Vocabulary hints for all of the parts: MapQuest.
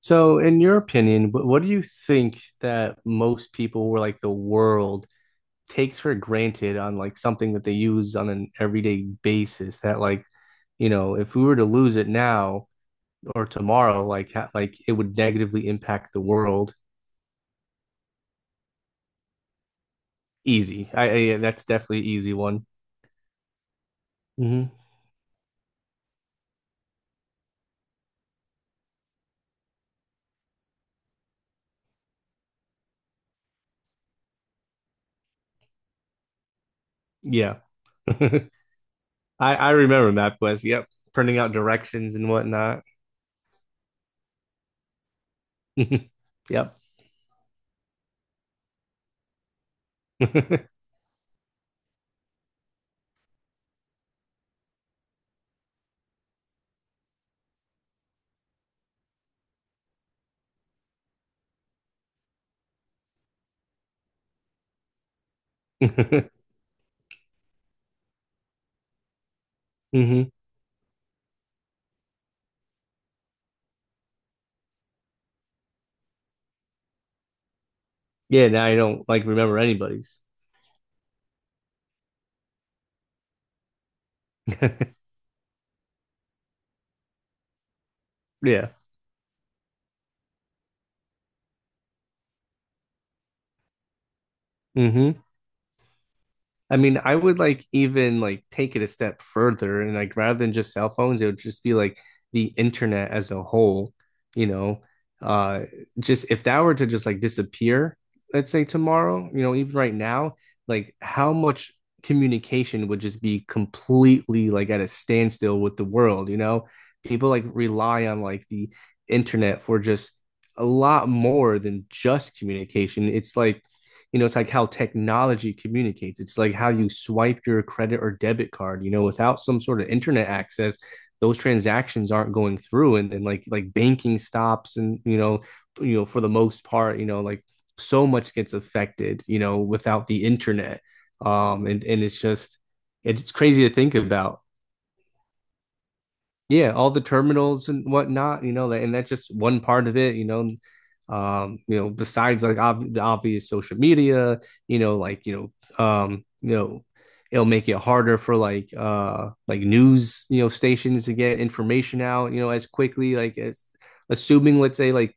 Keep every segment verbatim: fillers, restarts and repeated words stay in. So, in your opinion, what, what do you think that most people or like the world takes for granted on like something that they use on an everyday basis that like, you know, if we were to lose it now or tomorrow, like ha like it would negatively impact the world. Easy. I, I yeah, that's definitely an easy one. Hmm. Yeah. I I remember MapQuest. Yep. Printing out directions and whatnot. Yep. Hmm. Yeah, now I don't like remember anybody's. Yeah. Hmm. I mean, I would like even like take it a step further and like rather than just cell phones, it would just be like the internet as a whole, you know. Uh just if that were to just like disappear, let's say tomorrow, you know, even right now, like how much communication would just be completely like at a standstill with the world, you know? People like rely on like the internet for just a lot more than just communication. It's like you know, it's like how technology communicates. It's like how you swipe your credit or debit card, you know, without some sort of internet access, those transactions aren't going through and, and like like banking stops and you know, you know, for the most part, you know, like so much gets affected, you know, without the internet. Um and, and it's just it's crazy to think about yeah, all the terminals and whatnot, you know, and that's just one part of it, you know. Um, you know, besides like ob- the obvious social media, you know, like you know, um, you know, it'll make it harder for like uh like news, you know, stations to get information out, you know, as quickly like as assuming let's say like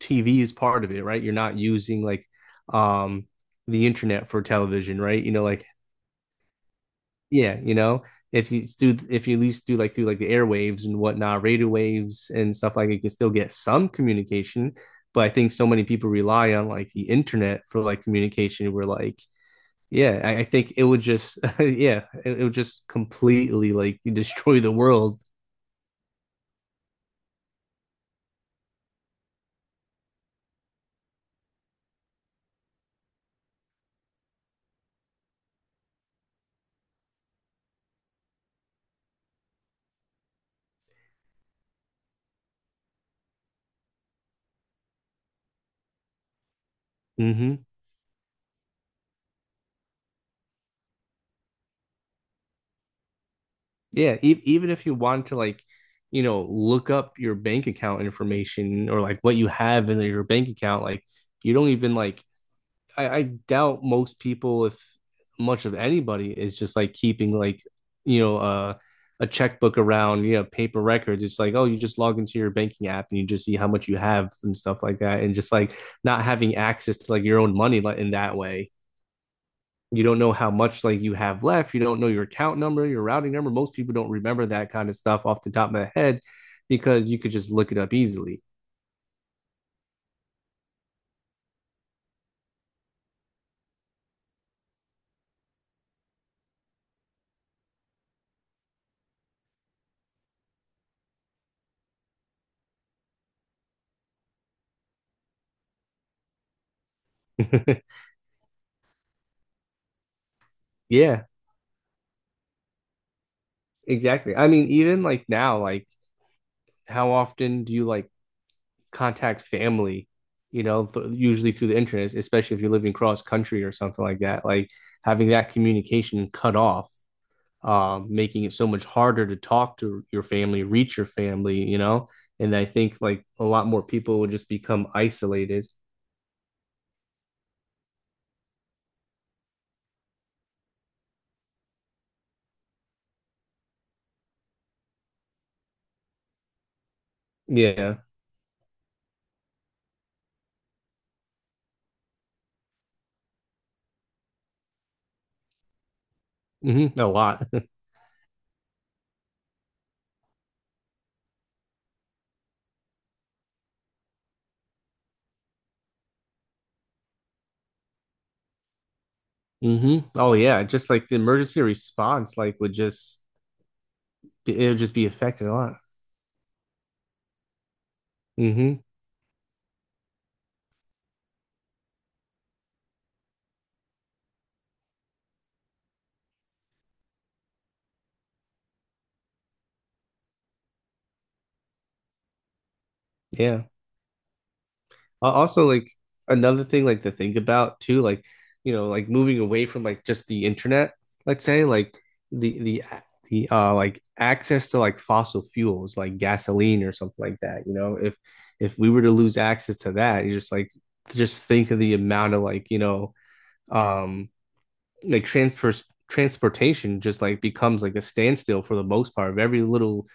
T V is part of it, right? You're not using like um the internet for television, right? You know, like yeah, you know, if you do, if you at least do like through like the airwaves and whatnot, radio waves and stuff like it, you can still get some communication. But I think so many people rely on like the internet for like communication. We're like, yeah, I, I think it would just, yeah, it, it would just completely like destroy the world. Hmm. Yeah, e- even if you want to like, you know, look up your bank account information or like what you have in your bank account, like you don't even like I, I doubt most people, if much of anybody, is just like keeping like you know uh, a checkbook around, you know, paper records. It's like oh, you just log into your banking app and you just see how much you have and stuff like that, and just like not having access to like your own money like in that way. You don't know how much like you have left. You don't know your account number, your routing number. Most people don't remember that kind of stuff off the top of their head because you could just look it up easily. Yeah, exactly. I mean, even like now, like how often do you like contact family, you know, th- usually through the internet, especially if you're living cross country or something like that. Like having that communication cut off, um, making it so much harder to talk to your family, reach your family, you know. And I think like a lot more people would just become isolated. Yeah. Mm-hmm. A lot. Hmm. Oh yeah. Just like the emergency response, like would just it would just be affected a lot. Hmm. Yeah. Al- Also, like another thing like to think about too, like you know, like moving away from like just the internet, let's say like the the the uh like access to like fossil fuels like gasoline or something like that, you know, if if we were to lose access to that, you just like just think of the amount of like, you know, um like transport transportation just like becomes like a standstill for the most part of every little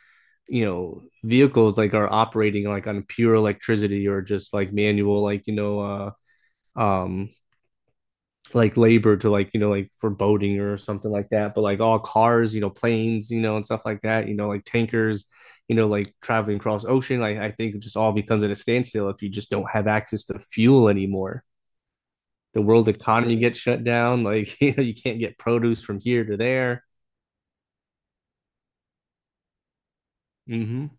you know vehicles like are operating like on pure electricity or just like manual like you know uh um like labor to like you know like for boating or something like that, but like all cars, you know, planes, you know, and stuff like that, you know, like tankers, you know, like traveling across ocean, like I think it just all becomes at a standstill if you just don't have access to fuel anymore. The world economy gets shut down. Like, you know, you can't get produce from here to there. Hmm.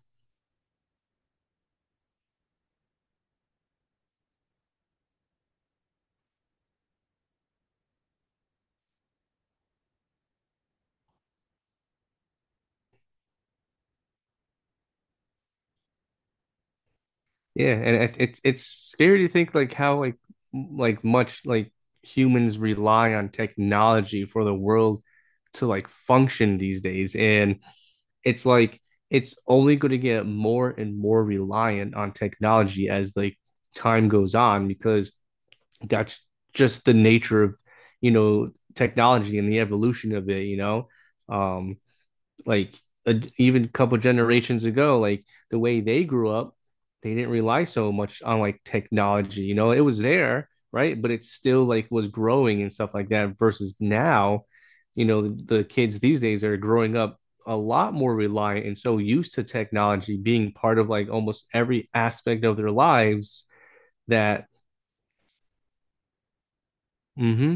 Yeah, and it, it's it's scary to think like how like m- like much like humans rely on technology for the world to like function these days, and it's like it's only going to get more and more reliant on technology as like time goes on because that's just the nature of you know technology and the evolution of it, you know. Um, like a, even a couple generations ago, like the way they grew up, they didn't rely so much on like technology. You know, it was there, right? But it still like was growing and stuff like that. Versus now, you know, the, the kids these days are growing up a lot more reliant and so used to technology being part of like almost every aspect of their lives that mm-hmm,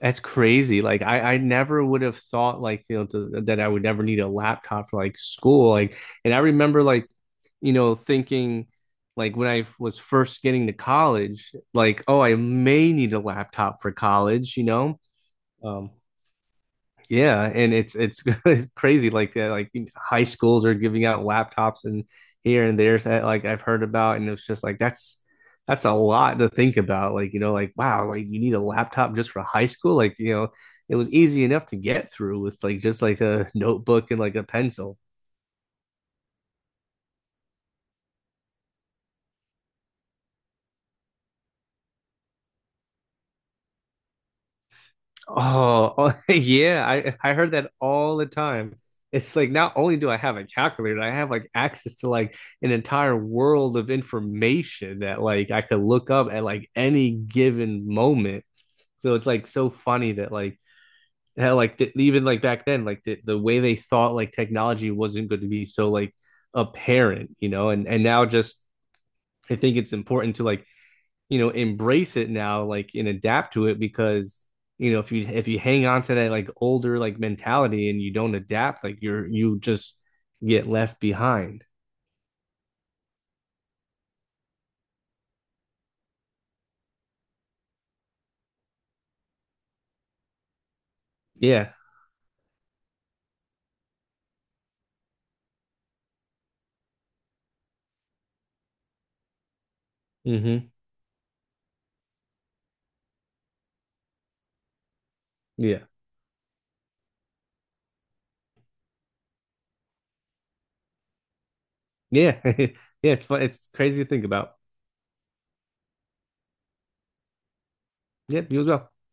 that's crazy. Like I, I never would have thought like you know to, that I would never need a laptop for like school. Like, and I remember like you know thinking like when I was first getting to college, like oh I may need a laptop for college. You know, um, yeah, and it's it's, it's crazy. Like uh, like high schools are giving out laptops and here and there. That like I've heard about, and it's just like that's that's a lot to think about. Like you know, like wow, like you need a laptop just for high school. Like you know, it was easy enough to get through with like just like a notebook and like a pencil. Oh, oh, yeah, I I heard that all the time. It's like not only do I have a calculator, I have like access to like an entire world of information that like I could look up at like any given moment. So it's like so funny that like how like the, even like back then like the, the way they thought like technology wasn't going to be so like apparent, you know, and and now just I think it's important to like you know, embrace it now, like and adapt to it because you know if you if you hang on to that like older like mentality and you don't adapt, like you're you just get left behind. Yeah. Mm-hmm. Yeah. Yeah. Yeah. It's fun. It's crazy to think about. Yep. You as well.